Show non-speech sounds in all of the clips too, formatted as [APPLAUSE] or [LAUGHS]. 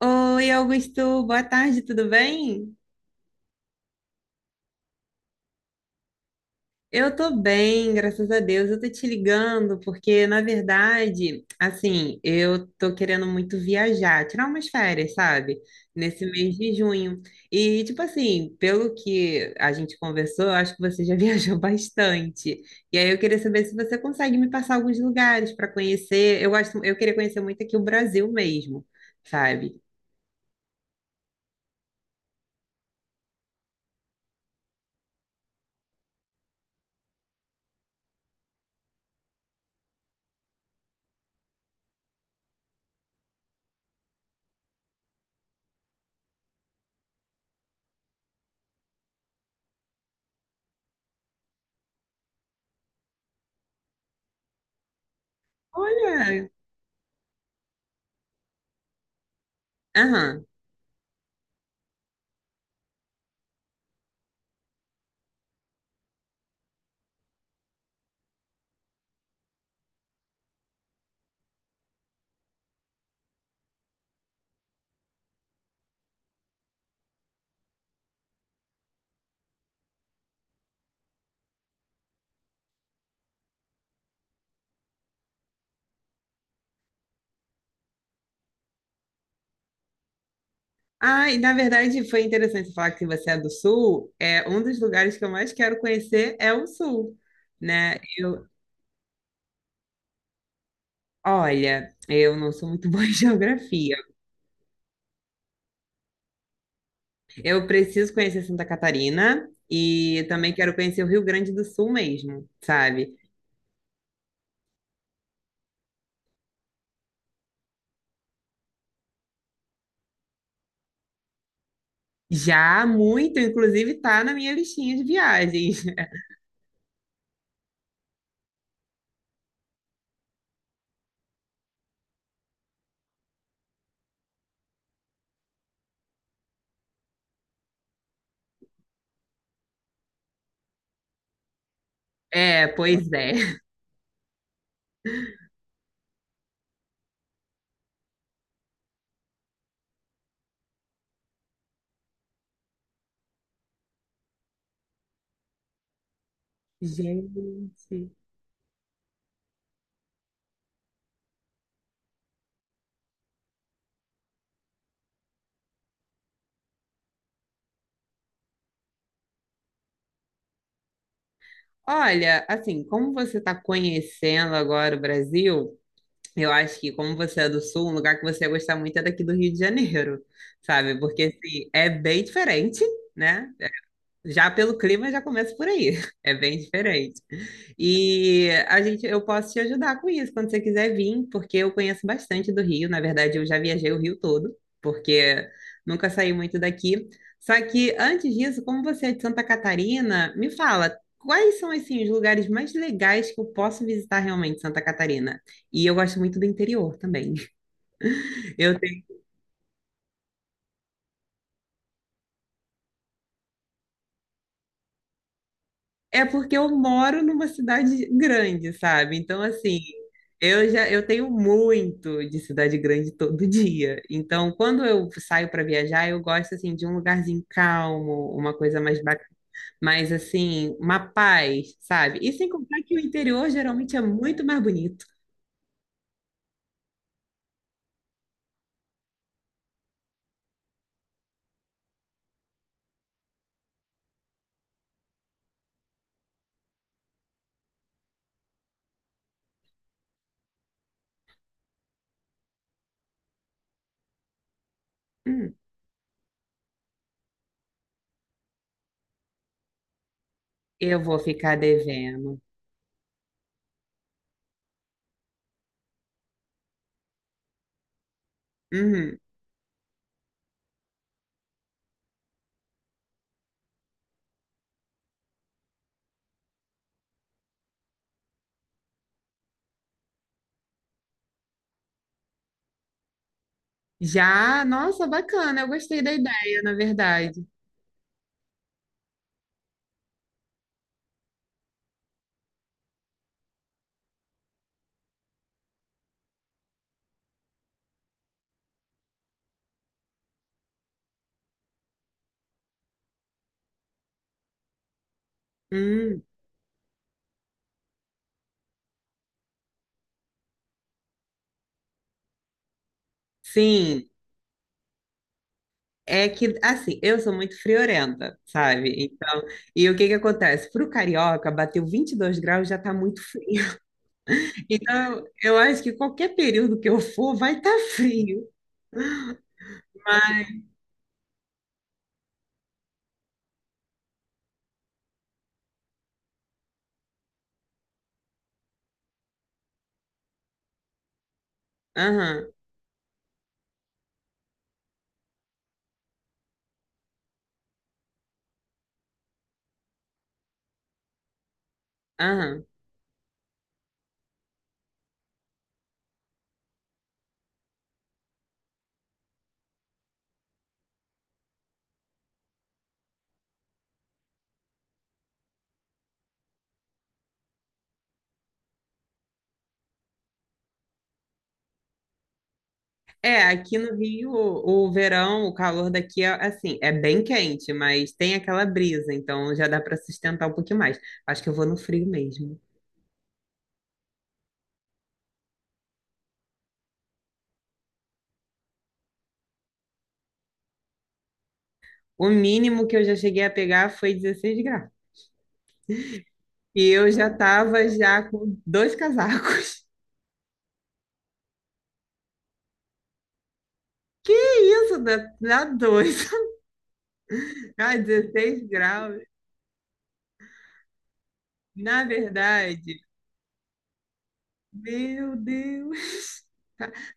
Oi, Augusto, boa tarde, tudo bem? Eu tô bem, graças a Deus. Eu tô te ligando porque, na verdade, assim, eu tô querendo muito viajar, tirar umas férias, sabe? Nesse mês de junho. E, tipo assim, pelo que a gente conversou, eu acho que você já [LAUGHS] viajou bastante. E aí eu queria saber se você consegue me passar alguns lugares para conhecer. Eu gosto, eu queria conhecer muito aqui o Brasil mesmo, sabe? Olha, aham. Ah, e na verdade foi interessante você falar que você é do Sul. É um dos lugares que eu mais quero conhecer é o Sul, né? Eu, olha, eu não sou muito [LAUGHS] boa em geografia. Eu preciso conhecer Santa Catarina e também quero conhecer o Rio Grande do Sul mesmo, sabe? Já muito, inclusive, tá na minha listinha de viagens. [LAUGHS] É, pois é. Gente. Olha, assim, como você está conhecendo agora o Brasil? Eu acho que, como você é do Sul, um lugar que você ia gostar muito é daqui do Rio de Janeiro, sabe? Porque, assim, é bem diferente, né? Já pelo clima já começa por aí, [LAUGHS] é bem diferente. E a gente, eu posso te ajudar com isso quando você quiser vir, porque eu conheço bastante do Rio. Na verdade, eu já viajei o Rio todo, porque nunca saí muito daqui. Só que antes disso, como você é de Santa Catarina, me fala quais são assim os lugares mais legais que eu posso visitar realmente em Santa Catarina? E eu gosto muito do interior também. [LAUGHS] Eu É porque eu moro numa cidade grande, sabe? Então, assim, eu já eu tenho muito de cidade grande todo [LAUGHS] dia. Então, quando eu saio para viajar, eu gosto assim de um lugarzinho calmo, uma coisa mais bacana, mais assim, uma paz, sabe? E sem contar que o interior geralmente é muito mais bonito. Hum, eu vou ficar devendo. Uhum. Já, nossa, bacana, eu gostei da ideia, na verdade. Hum, sim. É que, assim, eu sou muito friorenta, sabe? Então, e o que que acontece? Pro carioca, bateu 22 graus já tá muito frio. [LAUGHS] Então, eu acho que qualquer período que eu for, vai estar frio. Aham, aham. É, aqui no Rio, o verão, o calor daqui é, assim, é bem quente, mas tem aquela brisa, então já dá para sustentar um pouquinho mais. Acho que eu vou no frio mesmo. O mínimo que eu já cheguei a pegar foi 16 graus. E eu já tava já com dois casacos. Que isso, dá, dá dois. [LAUGHS] Ai, 16 graus. Na verdade, meu Deus.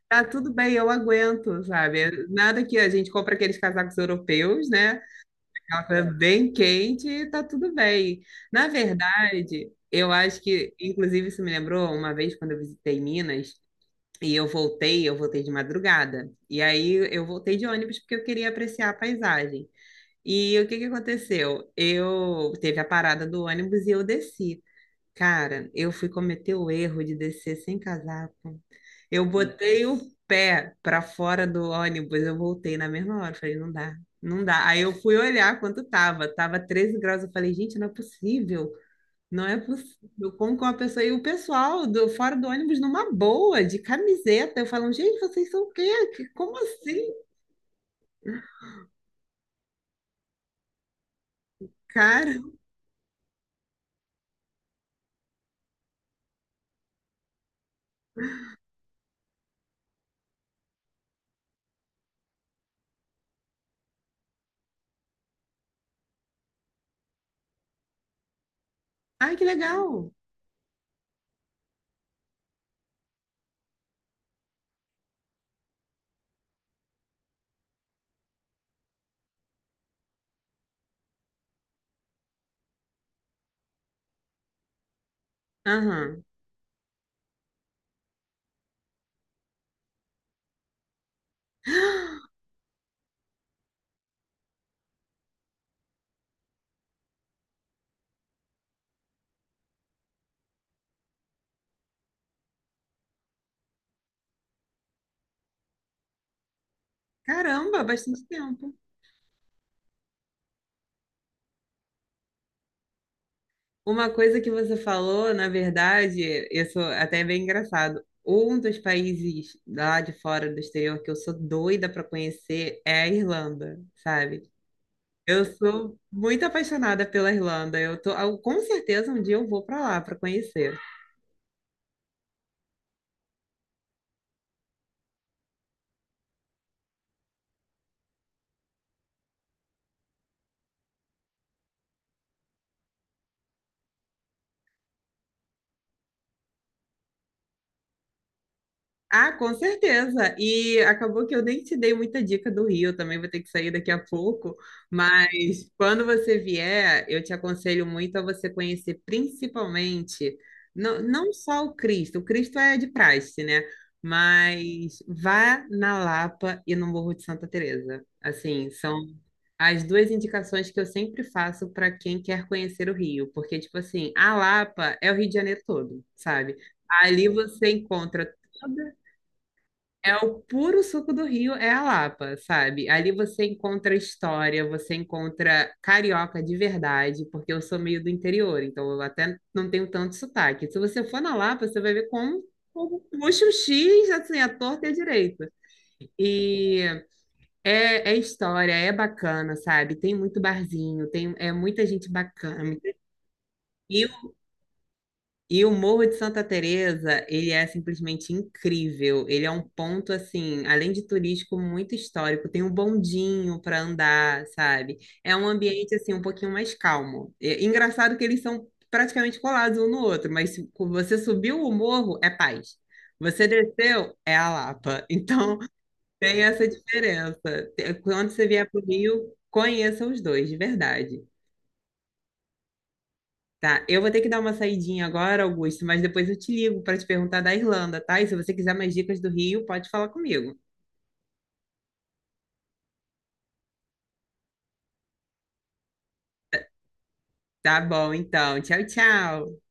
Tá tudo bem, eu aguento, sabe? Nada que a gente compra aqueles casacos europeus, né? Aquela coisa bem quente e tá tudo bem. Na verdade, eu acho que, inclusive, isso me lembrou uma vez quando eu visitei Minas e eu voltei de madrugada. E aí eu voltei de ônibus porque eu queria apreciar a paisagem. E o que que aconteceu? Eu teve a parada do ônibus e eu desci. Cara, eu fui cometer o erro de descer sem casaco. Eu botei o pé para fora do ônibus, eu voltei na mesma hora, falei, não dá, não dá. Aí eu fui olhar quanto tava, tava 13 graus, eu falei, gente, não é possível. Não é possível. Como que uma pessoa e o pessoal do fora do ônibus numa boa, de camiseta, eu falo, gente, vocês são o quê? Como assim, cara? Ai, que legal. Aham. [GASPS] Caramba, bastante tempo. Uma coisa que você falou, na verdade, isso até é bem engraçado. Um dos países lá de fora do exterior que eu sou doida para conhecer é a Irlanda, sabe? Eu sou muito apaixonada pela Irlanda. Eu tô, ah, com certeza um dia eu vou para lá para conhecer. Ah, com certeza. E acabou que eu nem te dei muita dica do Rio, também vou ter que sair daqui a pouco, mas quando você vier, eu te aconselho muito a você conhecer principalmente, não, não só o Cristo é de praxe, né? Mas vá na Lapa e no Morro de Santa Teresa. Assim, são as duas indicações que eu sempre faço para quem quer conhecer o Rio, porque tipo assim, a Lapa é o Rio de Janeiro todo, sabe? Ali você encontra é o puro suco do Rio, é a Lapa, sabe? Ali você encontra história, você encontra carioca de verdade, porque eu sou meio do interior, então eu até não tenho tanto sotaque. Se você for na Lapa, você vai ver como puxa o X, assim, a torta e a direita. E é, é história, é bacana, sabe? Tem muito barzinho, tem é muita gente bacana. E e o Morro de Santa Teresa, ele é simplesmente incrível. Ele é um ponto assim, além de turístico, muito histórico. Tem um bondinho para andar, sabe? É um ambiente assim um pouquinho mais calmo. É engraçado que eles são praticamente colados um no outro, mas se você subiu o morro é paz. Você desceu é a Lapa. Então [LAUGHS] tem essa diferença. Quando você vier para o Rio, conheça os dois, de verdade. Tá, eu vou ter que dar uma saidinha agora, Augusto, mas depois eu te ligo para te perguntar da Irlanda, tá? E se você quiser mais dicas do Rio, pode falar comigo. Tá bom, então. Tchau, tchau.